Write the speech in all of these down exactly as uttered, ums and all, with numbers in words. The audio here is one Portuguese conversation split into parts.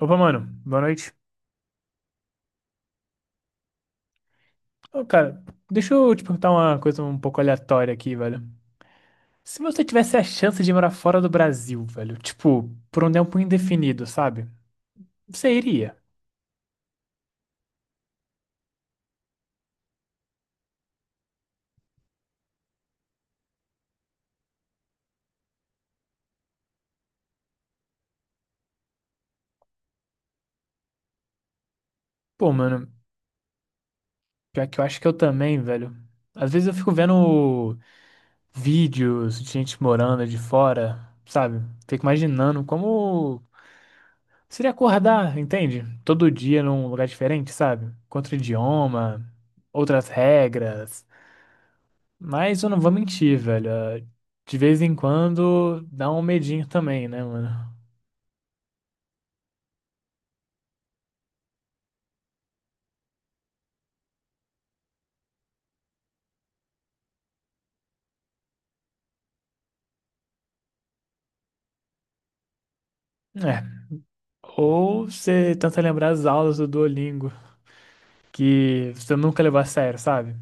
Opa, mano, boa noite. Ô, cara, deixa eu te perguntar uma coisa um pouco aleatória aqui, velho. Se você tivesse a chance de morar fora do Brasil, velho, tipo, por um tempo indefinido, sabe? Você iria. Pô, mano, pior que eu acho que eu também, velho. Às vezes eu fico vendo vídeos de gente morando de fora, sabe? Fico imaginando como seria acordar, entende? Todo dia num lugar diferente, sabe? Com outro idioma, outras regras. Mas eu não vou mentir, velho. eh, De vez em quando dá um medinho também, né, mano? É. Ou você tenta lembrar as aulas do Duolingo, que você nunca levar a sério, sabe?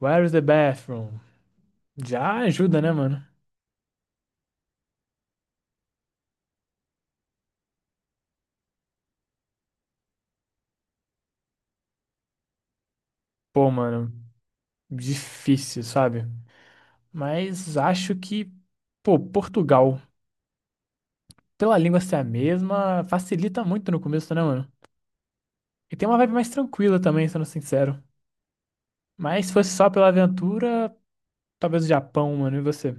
Where is the bathroom? Já ajuda, né, mano? Pô, mano, difícil, sabe? Mas acho que, pô, Portugal, pela língua ser a mesma, facilita muito no começo, né, mano? E tem uma vibe mais tranquila também, sendo sincero. Mas se fosse só pela aventura, talvez o Japão, mano, e você?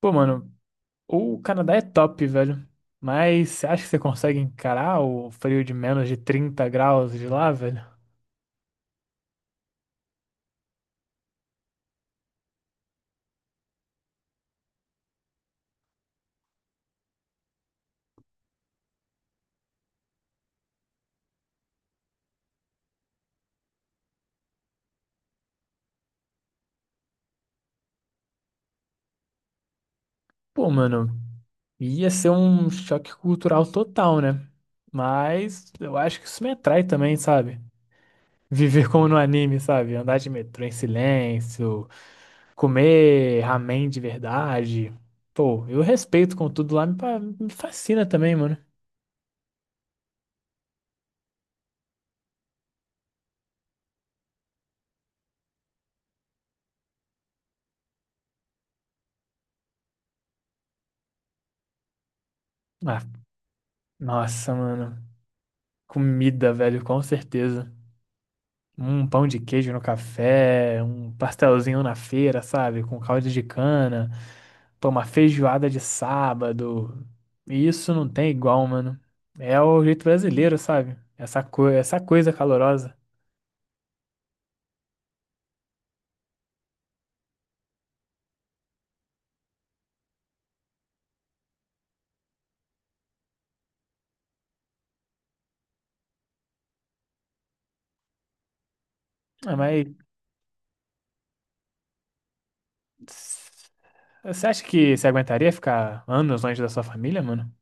Pô, mano, o Canadá é top, velho. Mas você acha que você consegue encarar o frio de menos de trinta graus de lá, velho? Pô, mano, ia ser um choque cultural total, né? Mas eu acho que isso me atrai também, sabe? Viver como no anime, sabe? Andar de metrô em silêncio, comer ramen de verdade. Pô, eu respeito com tudo lá, me pa- me fascina também, mano. Ah, nossa, mano. Comida, velho, com certeza. Um pão de queijo no café, um pastelzinho na feira, sabe? Com caldo de cana, pô, uma feijoada de sábado. E isso não tem igual, mano. É o jeito brasileiro, sabe? Essa, co essa coisa calorosa. Ah, mas você acha que você aguentaria ficar anos longe da sua família, mano?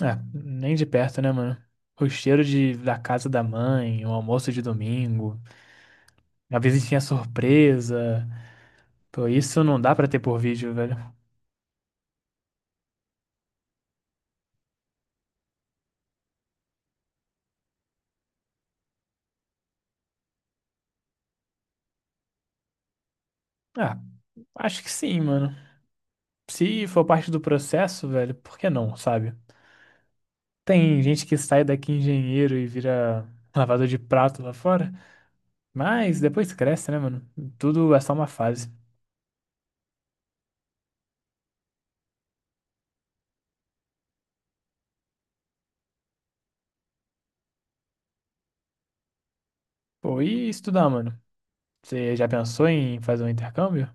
Ah, nem de perto, né, mano? O cheiro de, da casa da mãe, o almoço de domingo, a visitinha surpresa. Pô, isso não dá pra ter por vídeo, velho. Ah, acho que sim, mano. Se for parte do processo, velho, por que não, sabe? Tem gente que sai daqui engenheiro e vira lavador de prato lá fora, mas depois cresce, né, mano? Tudo é só uma fase. Pô, e estudar, mano? Você já pensou em fazer um intercâmbio?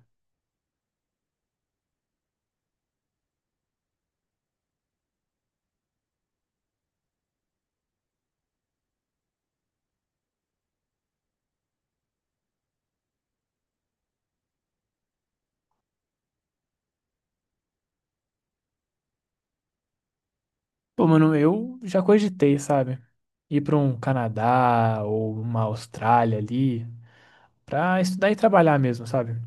Pô, mano, eu já cogitei, sabe? Ir pra um Canadá ou uma Austrália ali pra estudar e trabalhar mesmo, sabe?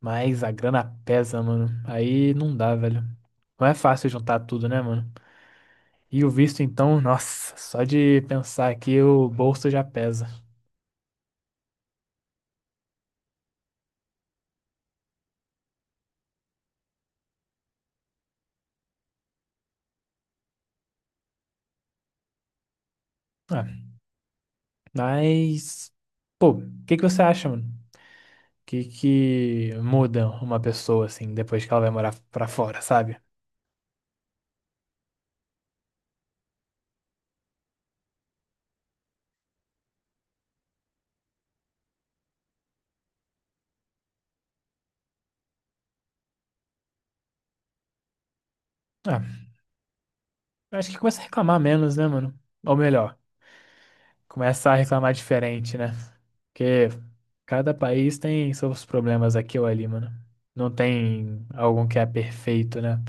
Mas a grana pesa, mano. Aí não dá, velho. Não é fácil juntar tudo, né, mano? E o visto, então, nossa, só de pensar aqui o bolso já pesa. Ah, mas, pô, o que que você acha, mano? O que que muda uma pessoa, assim, depois que ela vai morar pra fora, sabe? Ah, eu acho que começa a reclamar menos, né, mano? Ou melhor, começa a reclamar diferente, né? Porque cada país tem seus problemas aqui ou ali, mano. Não tem algum que é perfeito, né?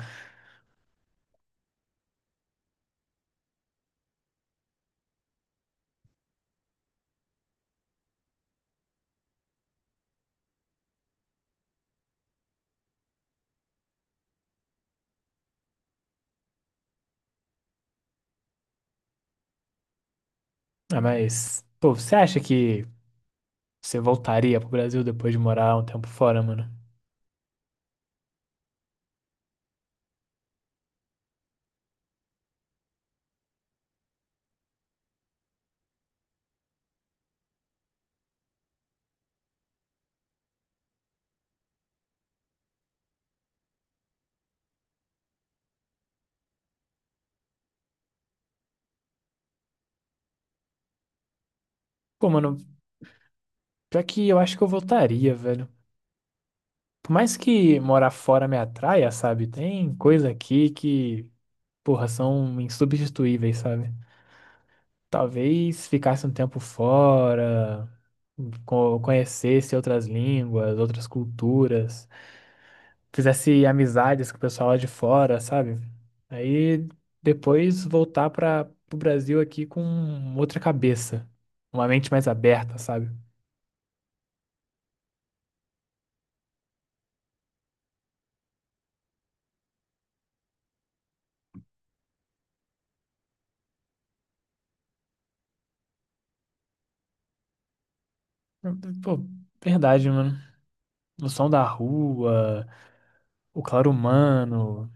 Ah, mas, pô, você acha que você voltaria pro Brasil depois de morar um tempo fora, mano? Pô, mano, pior que eu acho que eu voltaria, velho. Por mais que morar fora me atraia, sabe? Tem coisa aqui que, porra, são insubstituíveis, sabe? Talvez ficasse um tempo fora, co- conhecesse outras línguas, outras culturas, fizesse amizades com o pessoal lá de fora, sabe? Aí depois voltar para o Brasil aqui com outra cabeça, uma mente mais aberta, sabe? Pô, verdade, mano. O som da rua, o claro humano,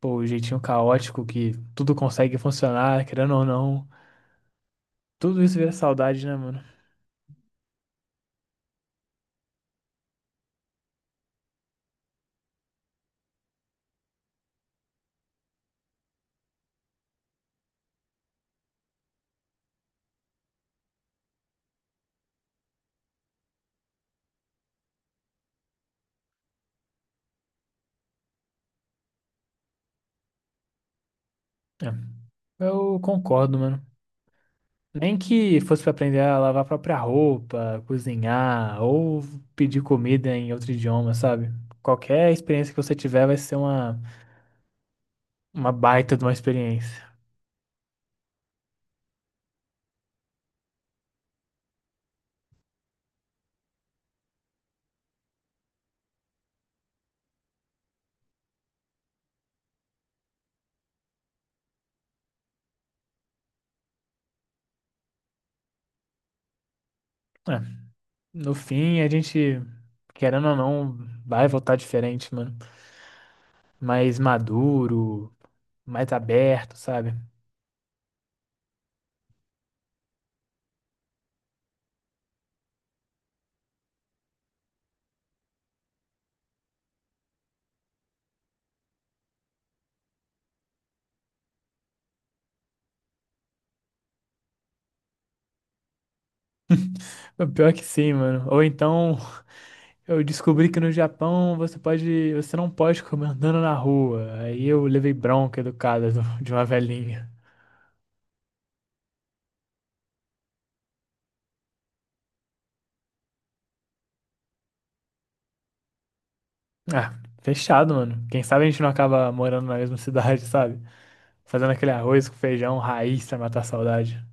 pô, o jeitinho caótico que tudo consegue funcionar, querendo ou não. Tudo isso vira saudade, né, mano? É, eu concordo, mano. Nem que fosse para aprender a lavar a própria roupa, cozinhar ou pedir comida em outro idioma, sabe? Qualquer experiência que você tiver vai ser uma, uma baita de uma experiência. É, no fim, a gente, querendo ou não, vai voltar diferente, mano. Mais maduro, mais aberto, sabe? O pior que sim, mano. Ou então, eu descobri que no Japão você pode, você não pode comer andando na rua. Aí eu levei bronca educada do- de uma velhinha. Ah, fechado, mano. Quem sabe a gente não acaba morando na mesma cidade, sabe? Fazendo aquele arroz com feijão, raiz pra matar a saudade.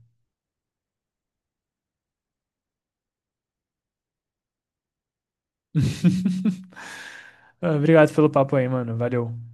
Obrigado pelo papo aí, mano. Valeu.